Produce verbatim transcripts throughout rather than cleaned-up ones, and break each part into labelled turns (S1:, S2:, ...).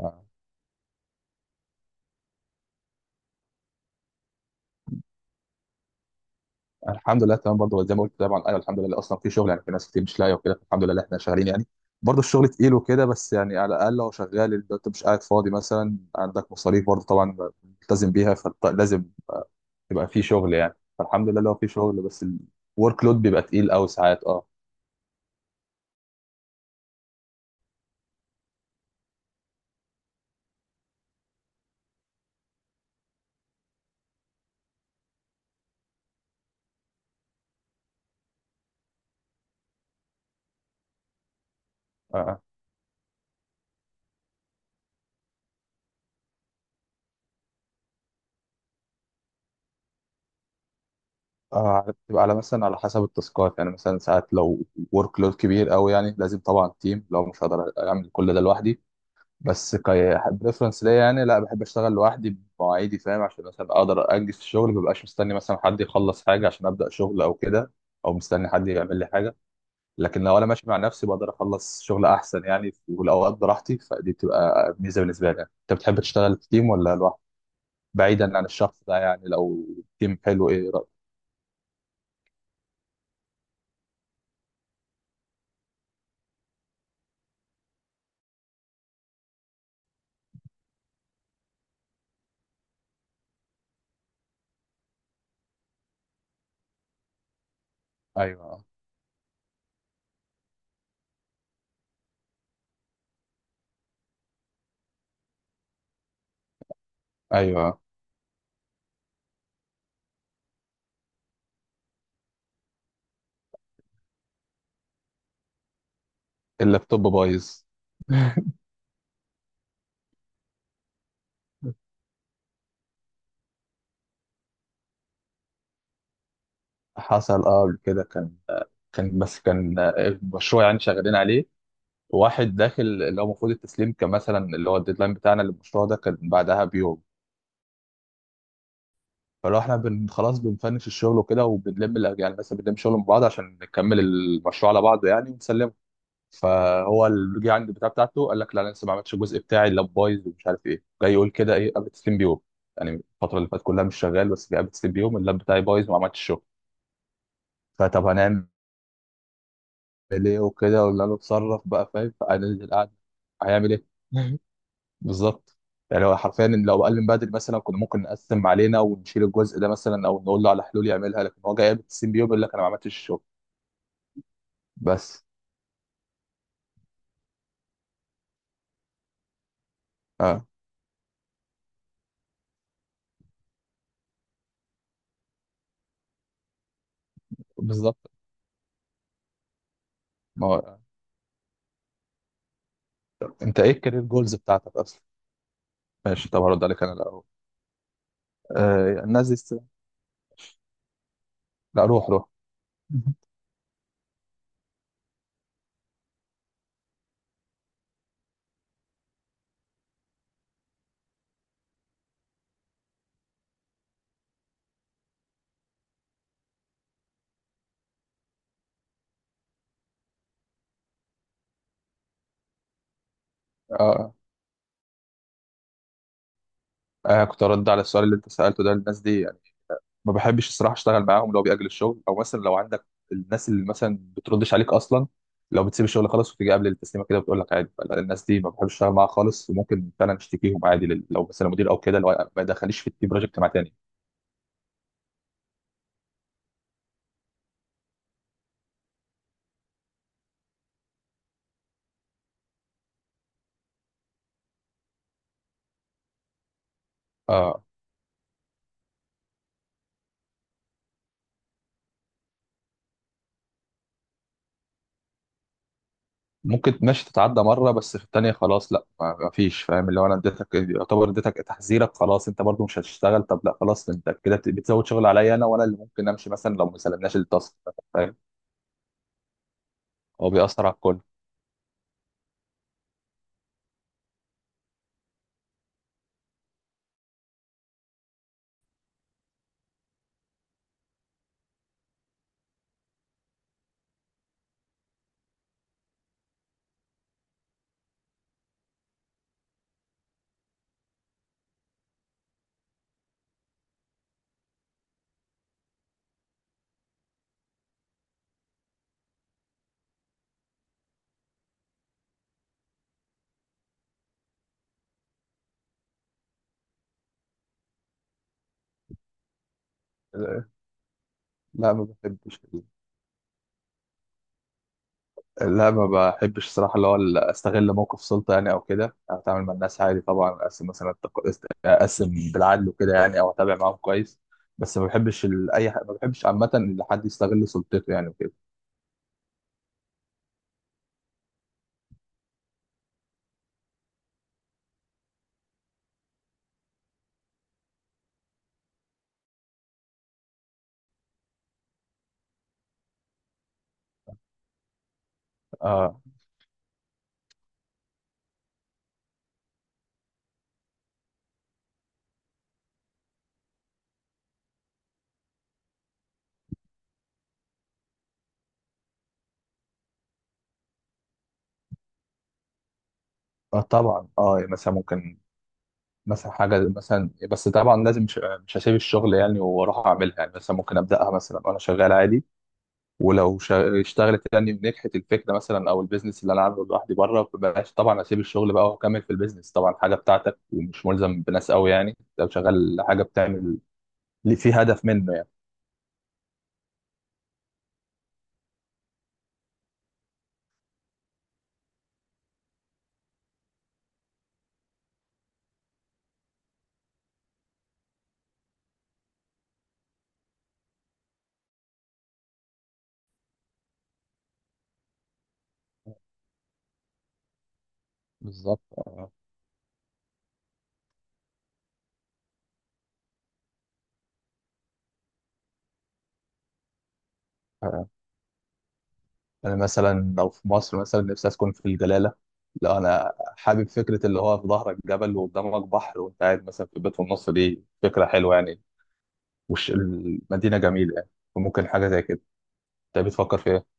S1: آه. الحمد لله تمام، برضه زي ما قلت طبعا، ايوه الحمد لله اصلا في شغل، يعني في ناس كتير مش لاقيه وكده، الحمد لله احنا شغالين يعني. برضه الشغل تقيل وكده، بس يعني على الاقل لو شغال انت مش قاعد فاضي، مثلا عندك مصاريف برضه طبعا ملتزم بيها، فلازم يبقى في شغل يعني. فالحمد لله لو في شغل، بس الورك لود بيبقى تقيل قوي ساعات. اه، اه، آه، بتبقى على مثلا على حسب التاسكات، يعني مثلا ساعات لو ورك لود كبير قوي، يعني لازم طبعا تيم، لو مش هقدر اعمل كل ده لوحدي. بس كريفرنس ليا يعني، لا بحب اشتغل لوحدي بمواعيدي، فاهم؟ عشان مثلا اقدر انجز في الشغل، مبقاش مستني مثلا حد يخلص حاجه عشان ابدا شغل او كده، او مستني حد يعمل لي حاجه. لكن لو انا ماشي مع نفسي بقدر اخلص شغل احسن، يعني في الاوقات براحتي، فدي بتبقى ميزه بالنسبه لي يعني. انت بتحب تشتغل في تيم ولا لوحدك؟ بعيدا عن الشخص ده يعني، لو تيم حلو ايه رأيك؟ ايوه، ايوه، اللابتوب بايظ. حصل اه قبل كده، كان كان بس كان آه، مشروع يعني شغالين عليه، واحد داخل اللي هو المفروض التسليم، كان مثلا اللي هو الديدلاين بتاعنا للمشروع ده كان بعدها بيوم. فلو احنا بن خلاص بنفنش الشغل وكده، وبنلم الأج- يعني مثلا بنلم شغل من بعض عشان نكمل المشروع على بعضه يعني ونسلمه. فهو اللي جه عند البتاع بتاعته، قال لك لا انا لسه ما عملتش الجزء بتاعي، اللاب بايظ ومش عارف ايه. جاي يقول كده ايه قبل التسليم بيوم يعني؟ الفتره اللي فاتت كلها مش شغال، بس جه قبل التسليم بيوم اللاب بتاعي بايظ وما عملتش الشغل. فطب هنعمل ايه وكده؟ ولا له اتصرف بقى، فاهم؟ فانا قاعد هيعمل ايه؟ بالظبط. يعني هو حرفيا إن لو قال من بدري، مثلا كنا ممكن نقسم علينا ونشيل الجزء ده مثلا، او نقول له على حلول يعملها. لكن هو جاي قبل السين بيو بيقول لك انا ما عملتش الشغل. بس. اه، بالظبط. ما هو انت ايه الكارير جولز بتاعتك اصلا؟ ماشي، طب هرد عليك انا الاول. آه الناس دي است... لا، روح روح. آه. آه كنت ارد على السؤال اللي انت سالته ده. الناس دي ما بحبش الصراحه اشتغل معاهم، لو بيأجل الشغل، او مثلا لو عندك الناس اللي مثلا بتردش عليك اصلا، لو بتسيب الشغل خالص وتيجي قبل التسليمه كده بتقول لك عادي، فلا، الناس دي ما بحبش اشتغل معاها خالص، وممكن فعلا اشتكيهم عادي، لل- لو مثلا مدير او كده، لو ما دخليش في التيم بروجكت مع تاني. آه، ممكن ماشي تتعدى مره، بس في التانيه خلاص لا، ما ما فيش، فاهم؟ اللي هو انا اديتك، يعتبر اديتك تحذيرك. خلاص انت برضو مش هتشتغل، طب لا خلاص، انت كده بت- بتزود شغل عليا انا، وانا اللي ممكن امشي مثلا لو ما سلمناش التاسك، فاهم؟ هو بيأثر على الكل. آه، لا ما بحبش، لا ما بحبش الصراحة، اللي هو ال- استغل موقف سلطة يعني او كده. انا بتعامل مع الناس عادي طبعا، اقسم مثلا التق- است- اقسم بالعدل وكده يعني، او اتابع معاهم كويس. بس ما بحبش ال... اي ح... ما بحبش عامة ان حد يستغل سلطته يعني وكده. اه، اه طبعا، اه يعني مثلا ممكن، مثلا حاجة مثلا، بس طبعا لازم مش, مش هسيب الشغل يعني واروح اعملها، يعني مثلا ممكن ابدأها مثلا وانا شغال عادي. ولو شا- اشتغلت يعني ونجحت الفكره مثلا، او البيزنس اللي انا عامله لوحدي بره، مبقاش طبعا اسيب الشغل بقى واكمل في البيزنس طبعا. حاجه بتاعتك ومش ملزم بناس قوي يعني، لو شغال حاجه بتعمل اللي فيه هدف منه يعني. بالظبط، آه، آه. انا مثلا لو في مصر، مثلا نفسي اسكن في الجلاله. لو انا حابب فكره اللي هو في ظهرك جبل وقدامك بحر، وانت قاعد مثلا في بيت في النص، دي فكره حلوه يعني. وش المدينه جميله يعني، وممكن حاجه زي كده. انت بتفكر في ايه؟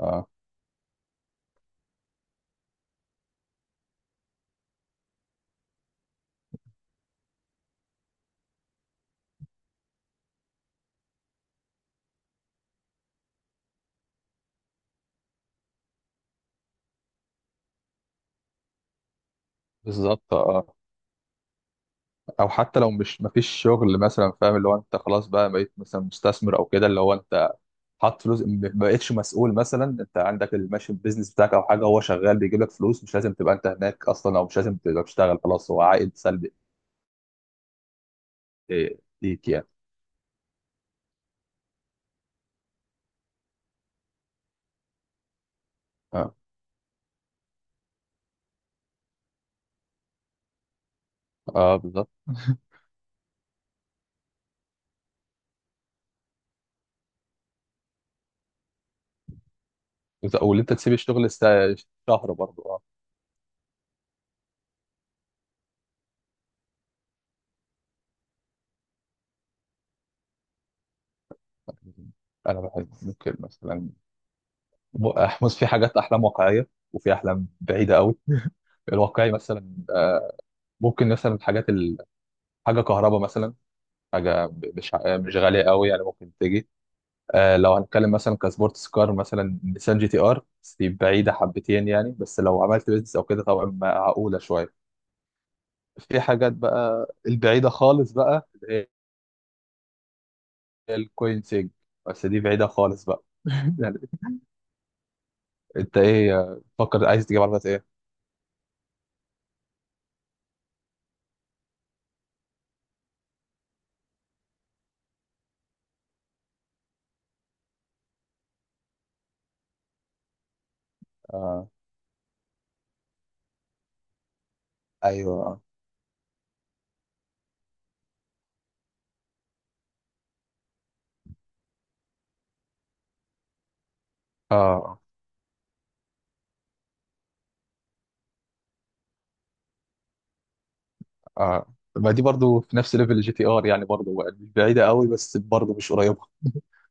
S1: اه بالظبط، اه، او حتى لو مش مفيش شغل مثلا، فاهم؟ اللي هو انت خلاص بقى بقيت مثلا مستثمر او كده، اللي هو انت حاطط فلوس، م- ما بقيتش مسؤول مثلا. انت عندك الماشي البيزنس بتاعك او حاجه، هو شغال بيجيب لك فلوس، مش لازم تبقى انت هناك اصلا، او مش لازم تبقى بتشتغل خلاص، هو عائد سلبي. إيه، ليك يعني، اه، اه بالظبط. وت- واللي انت تسيب الشغل سا- شهر برضه، اه. انا بحب ممكن مثلا، م- بص في حاجات احلام واقعيه، وفي احلام بعيده قوي. الواقعي مثلا آه، ممكن مثلا الحاجات ال... حاجه كهرباء مثلا، حاجه ب- مش ع- مش غاليه قوي يعني، ممكن تيجي. آه، لو هنتكلم مثلا كسبورتس كار، مثلا نيسان جي تي ار، بس دي بعيده حبتين يعني، بس لو عملت بيزنس او كده طبعا معقوله شويه. في حاجات بقى البعيده خالص، بقى اللي هي الكوين سيج، بس دي بعيده خالص بقى. يعني انت ايه، آه، فكر عايز تجيب عربيات ايه؟ آه، ايوه، اه، اه، ما دي برضو في نفس ليفل الجي تي ار يعني، برضو بعيده قوي، بس برضو مش قريبه.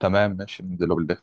S1: تمام ماشي، ننزله بالليل.